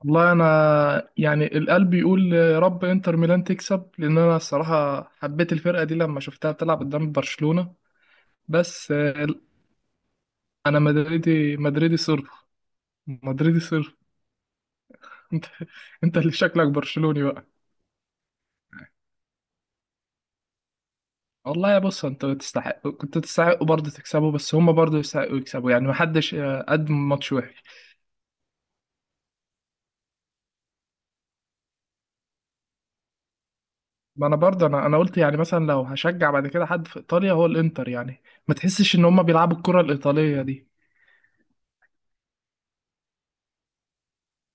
والله انا يعني القلب يقول يا رب انتر ميلان تكسب لان انا الصراحه حبيت الفرقه دي لما شفتها بتلعب قدام برشلونه. بس انا مدريدي مدريدي صرف. مدريدي صرف. انت انت اللي شكلك برشلوني بقى. والله يا بص انت تستحق، كنت تستحقوا برضه تكسبوا، بس هم برضه يستحقوا يكسبوا، يعني محدش قدم ماتش وحش. ما انا برضه انا قلت يعني مثلا لو هشجع بعد كده حد في ايطاليا هو الانتر، يعني ما تحسش ان هم بيلعبوا الكره الايطاليه دي.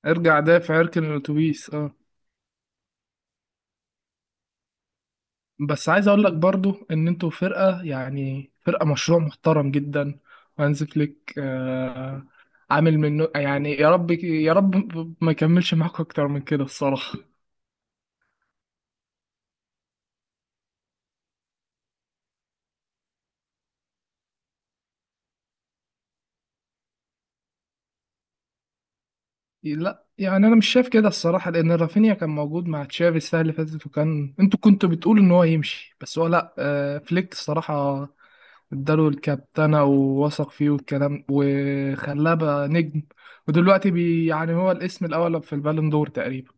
ارجع دافع اركن الاتوبيس. اه، بس عايز اقول لك برضو ان انتوا فرقه، يعني فرقه مشروع محترم جدا. وهانز فليك آه عامل منه يعني، يا رب يا رب ما يكملش معاكم اكتر من كده الصراحه. لا يعني انا مش شايف كده الصراحه، لان رافينيا كان موجود مع تشافي السنه اللي فاتت، وكان انتوا كنتوا بتقولوا ان هو يمشي، بس هو لا، آه فليك الصراحه اداله الكابتنه ووثق فيه والكلام وخلاه بقى نجم. ودلوقتي بي يعني هو الاسم الاول في البالون دور تقريبا.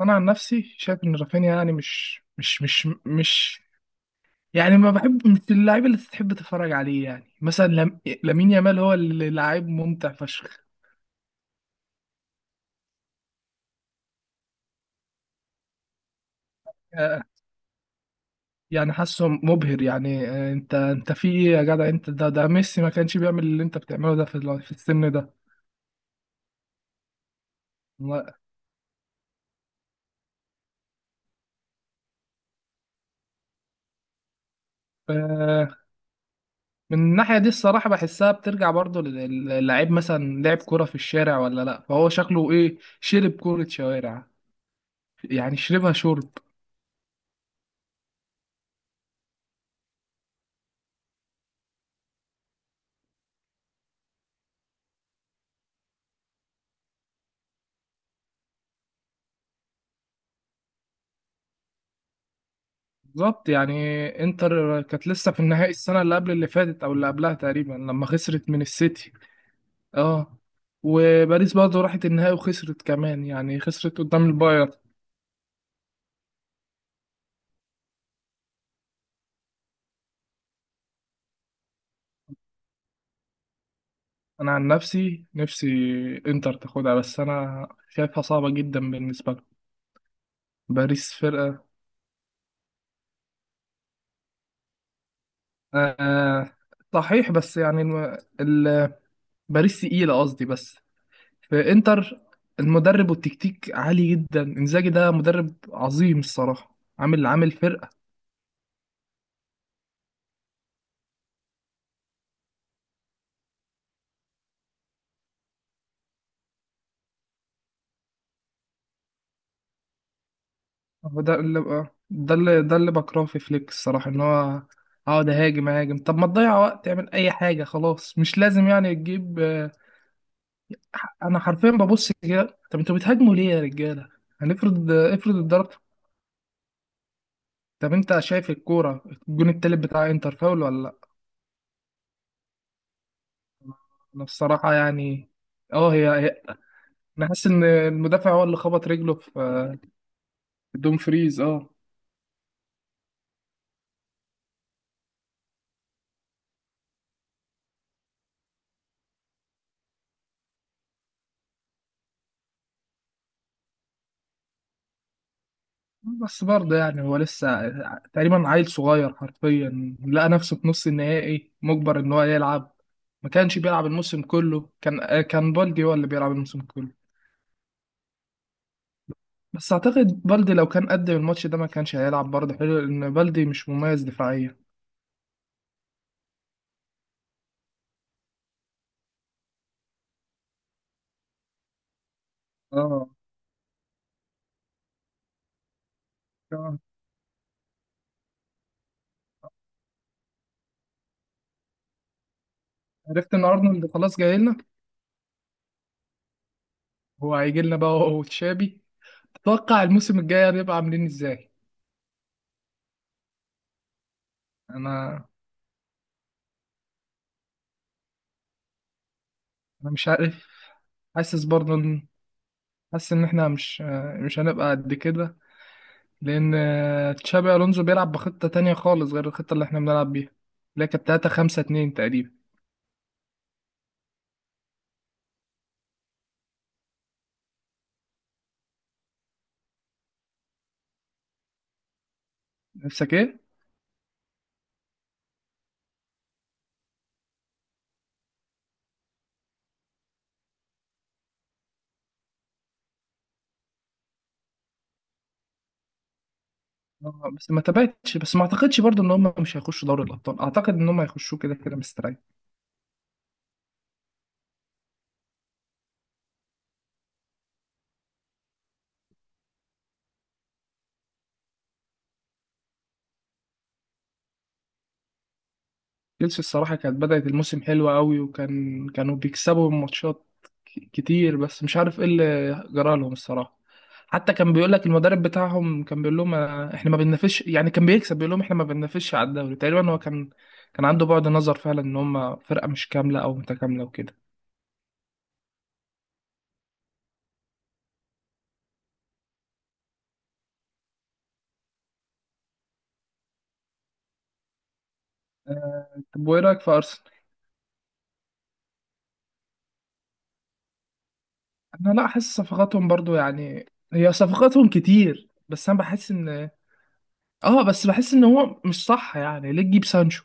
انا عن نفسي شايف ان رافينيا يعني مش يعني ما بحب، مش اللاعب اللي تحب تتفرج عليه، يعني مثلا لم... لامين يامال هو اللي لاعب ممتع فشخ. آه، يعني حاسه مبهر يعني، انت في ايه يا جدع انت؟ ده ميسي ما كانش بيعمل اللي انت بتعمله ده في في السن ده. لا. آه، من الناحية دي الصراحة بحسها بترجع برضو للاعب، مثلا لعب كرة في الشارع ولا لا، فهو شكله ايه، شرب كرة شوارع يعني، شربها شرب. بالظبط يعني. انتر كانت لسه في النهائي السنة اللي قبل اللي فاتت او اللي قبلها تقريبا، لما خسرت من السيتي. اه، وباريس برضه راحت النهائي وخسرت كمان، يعني خسرت قدام البايرن. انا عن نفسي انتر تاخدها، بس انا شايفها صعبة جدا بالنسبة لهم. باريس فرقة. آه آه، صحيح، بس يعني باريس تقيلة قصدي. بس في انتر المدرب والتكتيك عالي جدا. انزاجي ده مدرب عظيم الصراحة، عامل فرقة. هو ده اللي آه، ده اللي بكرهه في فليك الصراحة، ان هو اقعد اهاجم. طب ما تضيع وقت، اعمل اي حاجة، خلاص مش لازم يعني تجيب انا حرفيا ببص كده، طب انتوا بتهاجموا ليه يا رجالة؟ هنفرض افرض اتضربت. طب انت شايف الكورة، الجون التالت بتاع انتر فاول ولا لا؟ انا الصراحة يعني. اه، انا حاسس ان المدافع هو اللي خبط رجله في في دومفريز. اه، بس برضه يعني هو لسه تقريبا عيل صغير حرفيا، لقى نفسه في نص النهائي مجبر ان هو يلعب. ما كانش بيلعب الموسم كله، كان بالدي هو اللي بيلعب الموسم كله. بس اعتقد بالدي لو كان قدم الماتش ده ما كانش هيلعب برضه حلو، لان بالدي مش مميز دفاعيا. اه. آه. عرفت ان ارنولد خلاص جاي لنا؟ هو هيجي لنا بقى هو وتشابي. تتوقع الموسم الجاي هنبقى عاملين ازاي؟ انا انا مش عارف. حاسس برضه ان، حاسس ان احنا مش مش هنبقى قد كده. لأن تشابي ألونزو بيلعب بخطة تانية خالص غير الخطة اللي احنا بنلعب بيها، اللي هي كانت 3 5 2 تقريبا. نفسك ايه؟ بس ما تبعتش، بس ما اعتقدش برضو ان هم مش هيخشوا دوري الابطال، اعتقد ان هم هيخشوا كده كده مستريح. تشيلسي الصراحة كانت بدأت الموسم حلوة قوي، وكان كانوا بيكسبوا ماتشات كتير، بس مش عارف ايه اللي جرى لهم الصراحة. حتى كان بيقول لك المدرب بتاعهم، كان بيقول لهم احنا ما بننافسش، يعني كان بيكسب بيقول لهم احنا ما بننافسش على الدوري. تقريبا هو كان كان عنده بعد نظر فعلا ان هم فرقة مش كاملة او متكاملة وكده. طب وايه رأيك في ارسنال؟ انا لا احس صفقاتهم برضو يعني، هي صفقاتهم كتير بس انا بحس ان، اه بس بحس ان هو مش صح. يعني ليه تجيب سانشو؟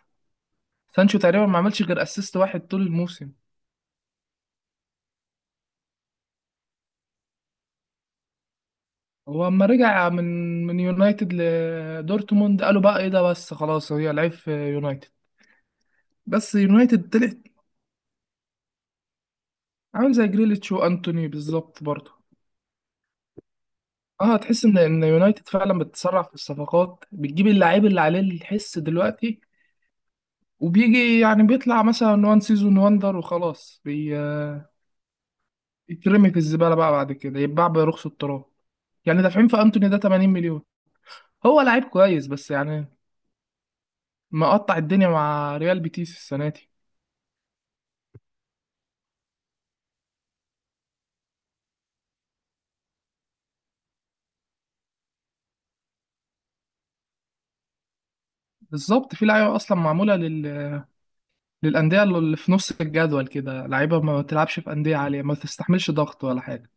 سانشو تقريبا ما عملش غير اسيست واحد طول الموسم. هو اما رجع من من يونايتد لدورتموند قالوا بقى ايه ده، بس خلاص هي لعيب في يونايتد. بس يونايتد طلعت عامل زي جريليتش وانتوني بالظبط برضه. اه، تحس ان يونايتد فعلا بتسرع في الصفقات، بتجيب اللعيب اللي عليه الحس دلوقتي، وبيجي يعني بيطلع مثلا وان سيزون واندر وخلاص بيترمي في الزبالة بقى بعد كده، يتباع برخص التراب. يعني دافعين في انتوني ده 80 مليون. هو لعيب كويس بس يعني مقطع الدنيا مع ريال بيتيس السنه دي. بالظبط، في لعيبه اصلا معموله للانديه اللي في نص الجدول كده، لعيبه ما تلعبش في انديه عاليه، ما تستحملش ضغط ولا حاجه.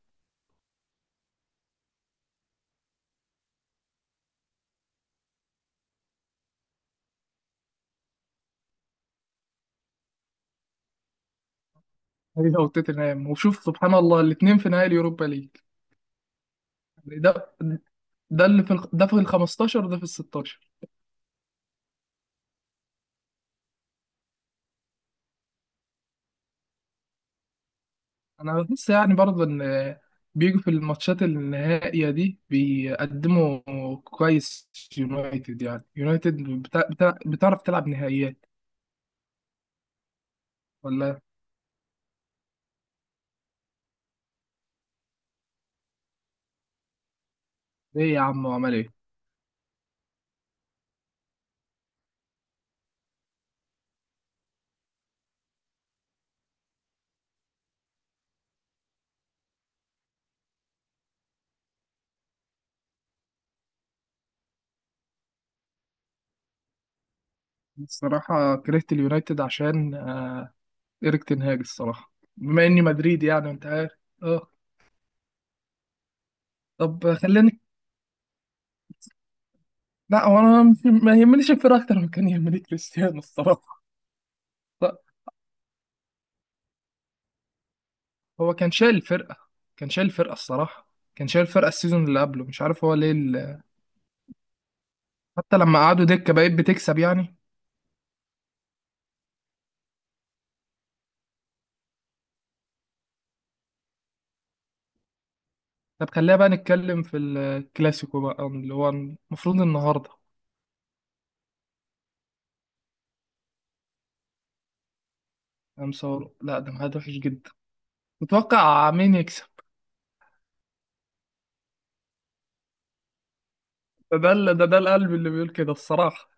هي وتوتنهام، وشوف سبحان الله الاثنين في نهائي اليوروبا ليج، يعني ده، ده اللي في ده في ال 15 وده في ال 16. انا بحس يعني برضه ان بيجوا في الماتشات النهائية دي بيقدموا كويس. يونايتد، بتعرف تلعب نهائيات ولا؟ ايه يا عم وعمل ايه؟ الصراحة كرهت اليونايتد عشان إيريك تنهاج الصراحة، بما إني مدريدي يعني أنت عارف. أه. طب خليني، لا هو أنا مش- ما يهمنيش الفرقة، أكتر من كان يهمني كريستيانو الصراحة. لا، هو كان شايل الفرقة، كان شايل الفرقة الصراحة، كان شايل الفرقة السيزون اللي قبله، مش عارف هو ليه حتى لما قعدوا دكة بقيت بتكسب يعني. طب خلينا بقى نتكلم في الكلاسيكو بقى اللي هو المفروض النهاردة. خمسة وربع. لا ده ميعاد وحش جدا. تتوقع مين يكسب؟ ده القلب اللي بيقول كده الصراحة.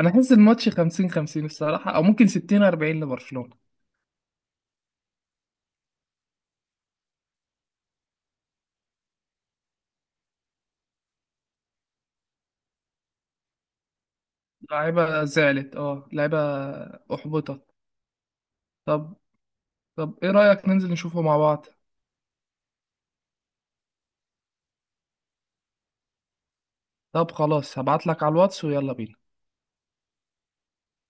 انا احس الماتش 50 50 الصراحه، او ممكن 60 40 لبرشلونه. لعيبه زعلت، اه لعيبه احبطت. طب، طب ايه رايك ننزل نشوفه مع بعض؟ طب خلاص هبعت لك على الواتس ويلا بينا.